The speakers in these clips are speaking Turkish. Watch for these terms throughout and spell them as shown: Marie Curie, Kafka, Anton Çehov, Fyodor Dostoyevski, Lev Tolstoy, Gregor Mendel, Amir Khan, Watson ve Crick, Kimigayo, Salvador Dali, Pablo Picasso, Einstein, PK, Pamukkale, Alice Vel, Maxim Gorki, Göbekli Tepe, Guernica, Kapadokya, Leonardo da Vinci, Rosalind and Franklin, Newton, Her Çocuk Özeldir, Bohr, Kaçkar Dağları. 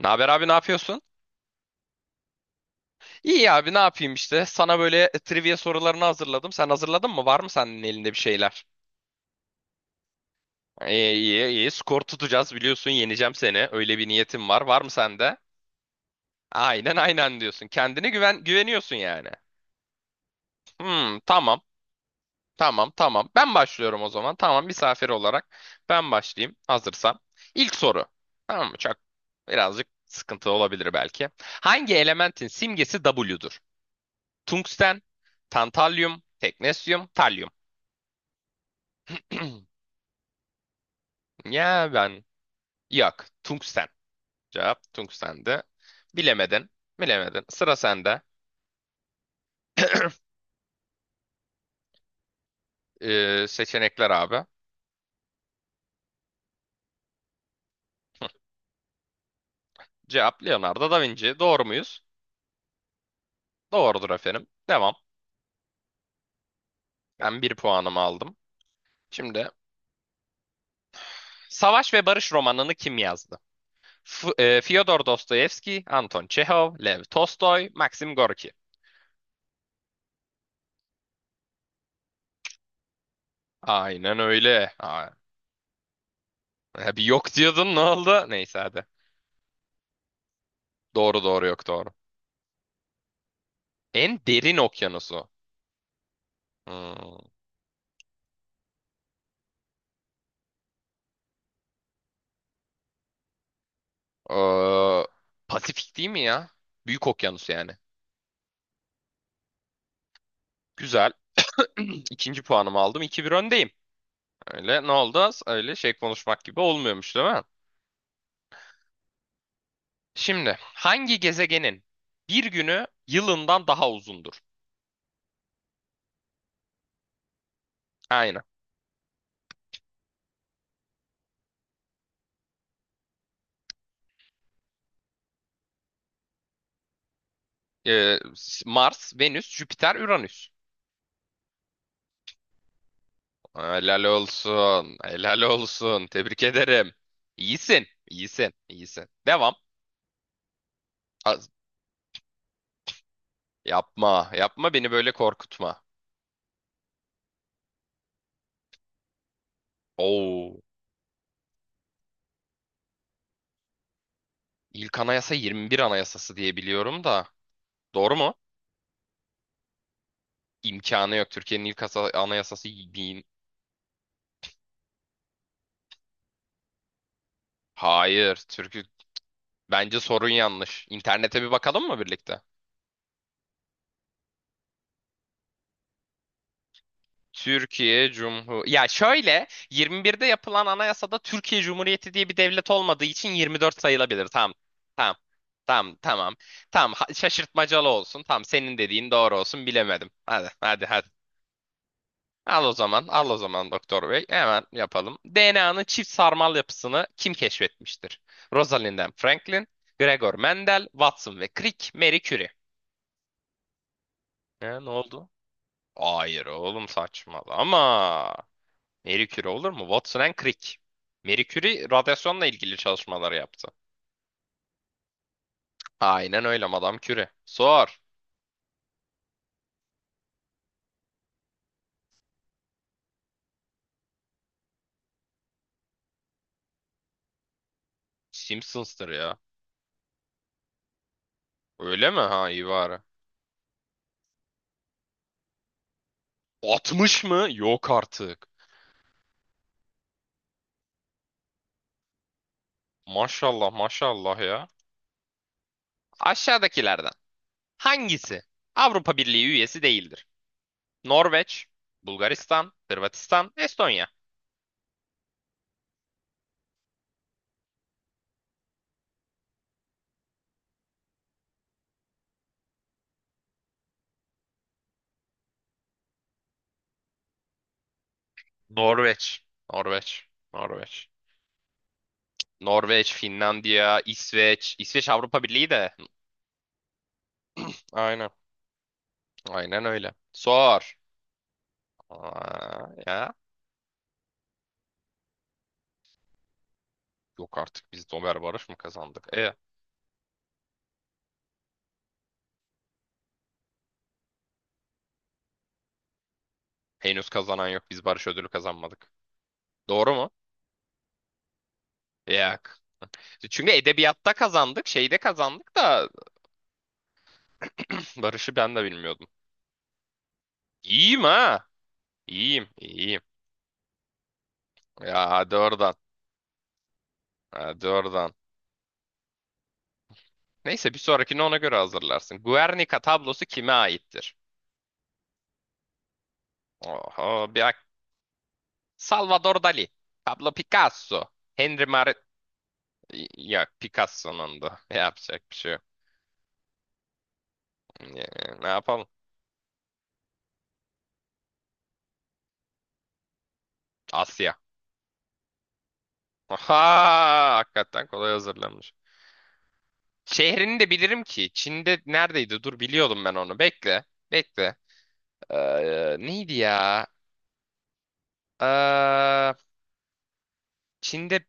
Ne haber abi, ne yapıyorsun? İyi abi, ne yapayım işte. Sana böyle trivia sorularını hazırladım. Sen hazırladın mı? Var mı senin elinde bir şeyler? İyi, iyi, iyi. Skor tutacağız, biliyorsun. Yeneceğim seni. Öyle bir niyetim var. Var mı sende? Aynen aynen diyorsun. Kendine güven, güveniyorsun yani. Hmm, tamam. Tamam, tamam. Ben başlıyorum o zaman. Tamam, misafir olarak ben başlayayım hazırsam. İlk soru. Tamam mı? Birazcık sıkıntı olabilir belki. Hangi elementin simgesi W'dur? Tungsten, tantalyum, teknesyum, talyum. Ya ben, yok. Tungsten. Cevap tungstendi. Bilemedin. Bilemedin. Sıra sende. Seçenekler abi. Cevap Leonardo da Vinci. Doğru muyuz? Doğrudur efendim. Devam. Ben bir puanımı aldım. Şimdi Savaş ve Barış romanını kim yazdı? Fyodor Dostoyevski, Anton Çehov, Lev Tolstoy, Maxim Gorki. Aynen öyle. Bir yok diyordun, ne oldu? Neyse hadi. Doğru doğru, yok doğru. En derin okyanusu. Hmm. Ee, Pasifik değil mi ya? Büyük okyanus yani. Güzel. İkinci puanımı aldım. 2-1 öndeyim. Öyle ne oldu? Öyle şey konuşmak gibi olmuyormuş değil mi? Şimdi hangi gezegenin bir günü yılından daha uzundur? Aynen. Ee, Mars, Venüs, Jüpiter, Uranüs. Helal olsun. Helal olsun. Tebrik ederim. İyisin. İyisin. İyisin. Devam. A- Yapma, yapma beni böyle korkutma. Oo, ilk anayasa 21 anayasası diye biliyorum da. Doğru mu? İmkanı yok. Türkiye'nin ilk anayasası bin. Hayır, bence sorun yanlış. İnternete bir bakalım mı birlikte? Türkiye Cumhur Ya şöyle, 21'de yapılan anayasada Türkiye Cumhuriyeti diye bir devlet olmadığı için 24 sayılabilir. Tamam. Tamam. Tamam, tamam. Tamam, şaşırtmacalı olsun. Tamam, senin dediğin doğru olsun. Bilemedim. Hadi, hadi, hadi. Al o zaman, al o zaman Doktor Bey. Hemen yapalım. DNA'nın çift sarmal yapısını kim keşfetmiştir? Rosalind and Franklin, Gregor Mendel, Watson ve Crick, Marie Curie. Ha, ne oldu? Hayır oğlum, saçmalama. Marie Curie olur mu? Watson and Crick. Marie Curie radyasyonla ilgili çalışmaları yaptı. Aynen öyle, Madame Curie. Sor. Simpsons'tır ya. Öyle mi? Ha, iyi bari. 60 mı? Yok artık. Maşallah maşallah ya. Aşağıdakilerden hangisi Avrupa Birliği üyesi değildir? Norveç, Bulgaristan, Hırvatistan, Estonya. Norveç, Norveç, Norveç. Norveç, Finlandiya, İsveç. İsveç Avrupa Birliği de. Aynen, aynen öyle. Sor. Ya. Yok artık, biz Nobel Barış mı kazandık? Henüz kazanan yok. Biz Barış ödülü kazanmadık. Doğru mu? Yok. Çünkü edebiyatta kazandık, şeyde kazandık da. Barış'ı ben de bilmiyordum. İyiyim ha. İyiyim, iyiyim. Ya hadi oradan. Hadi oradan. Neyse, bir sonrakini ona göre hazırlarsın. Guernica tablosu kime aittir? Oho, bir bak. Salvador Dali. Pablo Picasso. Henry Mar... Ya Picasso'nun da. Yapacak bir şey yok. Ya, ne yapalım? Asya. Aha! Hakikaten kolay hazırlanmış. Şehrini de bilirim ki. Çin'de neredeydi? Dur, biliyordum ben onu. Bekle. Bekle. Neydi ya? Ee, Çin'de...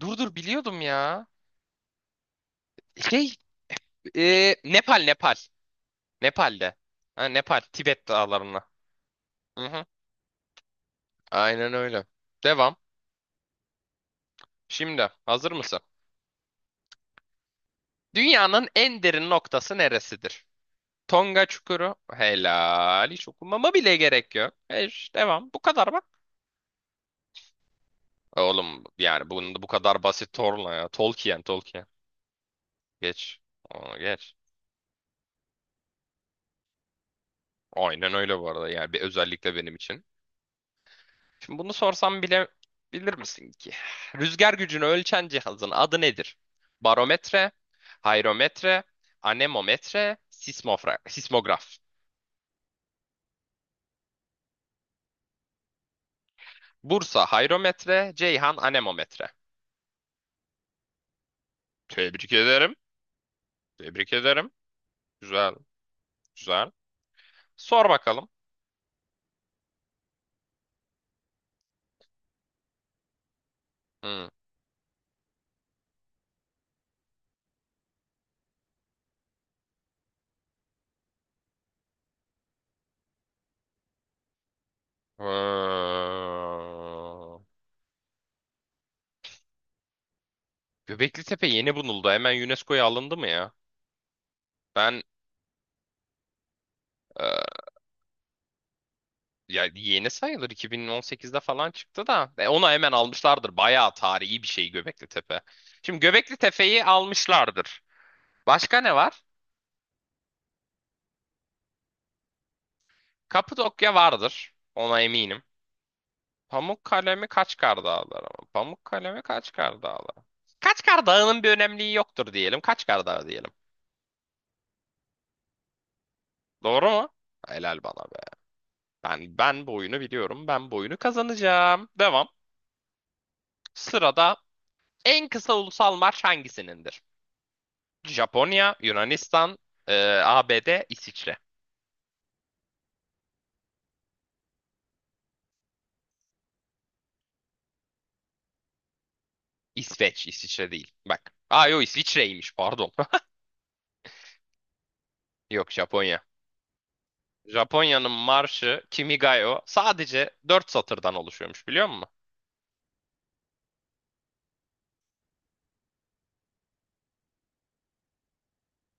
Dur dur, biliyordum ya. Şey, Nepal, Nepal. Nepal'de. Ha, Nepal, Tibet dağlarına. Hı hı. Aynen öyle. Devam. Şimdi hazır mısın? Dünyanın en derin noktası neresidir? Tonga Çukuru. Helal. Hiç okumama bile gerek yok. Devam. Bu kadar bak. Oğlum yani bunu bu kadar basit, Torla ya. Tolkien, Tolkien. Geç. Onu geç. Aynen öyle bu arada. Yani bir özellikle benim için. Şimdi bunu sorsam bile bilir misin ki? Rüzgar gücünü ölçen cihazın adı nedir? Barometre, hayrometre, anemometre, sismograf. Bursa hayrometre, Ceyhan anemometre. Tebrik ederim. Tebrik ederim. Güzel, güzel. Sor bakalım. Hı. Ee, Göbekli Tepe yeni bulundu. Hemen UNESCO'ya alındı mı ya? Ben e, Ya yeni sayılır, 2018'de falan çıktı da onu hemen almışlardır. Bayağı tarihi bir şey Göbekli Tepe. Şimdi Göbekli Tepe'yi almışlardır. Başka ne var? Kapadokya vardır. Ona eminim. Pamukkale mi, Kaçkar Dağları mı? Pamukkale mi, Kaçkar Dağları? Kaçkar Dağı'nın bir önemliği yoktur diyelim. Kaçkar Dağı diyelim. Doğru mu? Helal bana be. Ben bu oyunu biliyorum. Ben bu oyunu kazanacağım. Devam. Sırada en kısa ulusal marş hangisinindir? Japonya, Yunanistan, e, ABD, İsviçre. İsveç, İsviçre değil. Bak. Aa yok, İsviçre'ymiş, pardon. Yok, Japonya. Japonya'nın marşı Kimigayo sadece 4 satırdan oluşuyormuş, biliyor musun?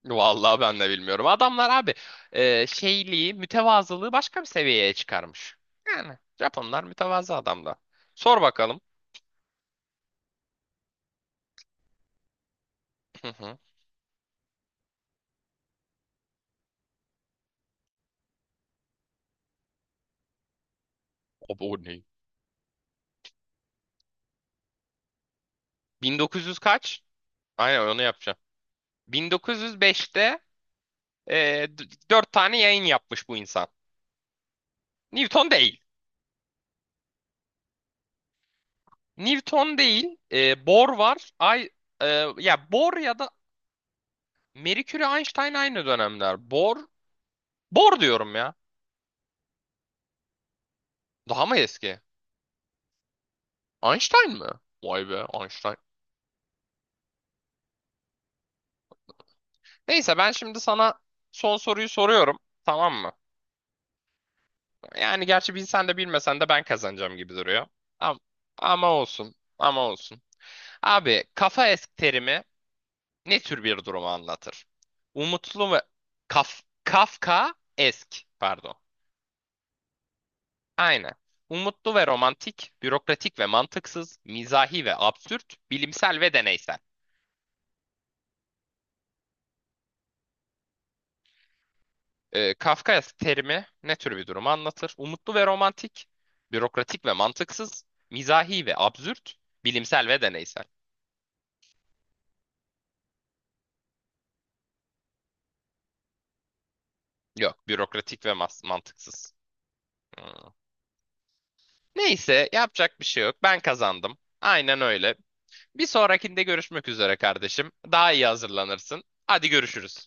Vallahi ben de bilmiyorum. Adamlar abi şeyliği, mütevazılığı başka bir seviyeye çıkarmış. Yani Japonlar mütevazı adamlar. Sor bakalım. Hı hı. O ne? 1900 kaç? Aynen onu yapacağım. 1905'te e, d- dört tane yayın yapmış bu insan. Newton değil. Newton değil. Bohr var. E, Ya Bohr ya da Mercury, Einstein aynı dönemler. Bohr, Bohr diyorum ya. Daha mı eski? Einstein mi? Vay be, Einstein. Neyse, ben şimdi sana son soruyu soruyorum. Tamam mı? Yani gerçi bilsen de bilmesen de ben kazanacağım gibi duruyor. Ama, ama olsun. Ama olsun. Abi, kafa esk terimi ne tür bir durumu anlatır? Umutlu ve Kafka esk pardon. Aynen. Umutlu ve romantik, bürokratik ve mantıksız, mizahi ve absürt, bilimsel ve deneysel. Kafka terimi ne tür bir durumu anlatır? Umutlu ve romantik, bürokratik ve mantıksız, mizahi ve absürt, bilimsel ve deneysel. Yok, bürokratik ve mantıksız. Hmm. Neyse, yapacak bir şey yok. Ben kazandım. Aynen öyle. Bir sonrakinde görüşmek üzere kardeşim. Daha iyi hazırlanırsın. Hadi, görüşürüz.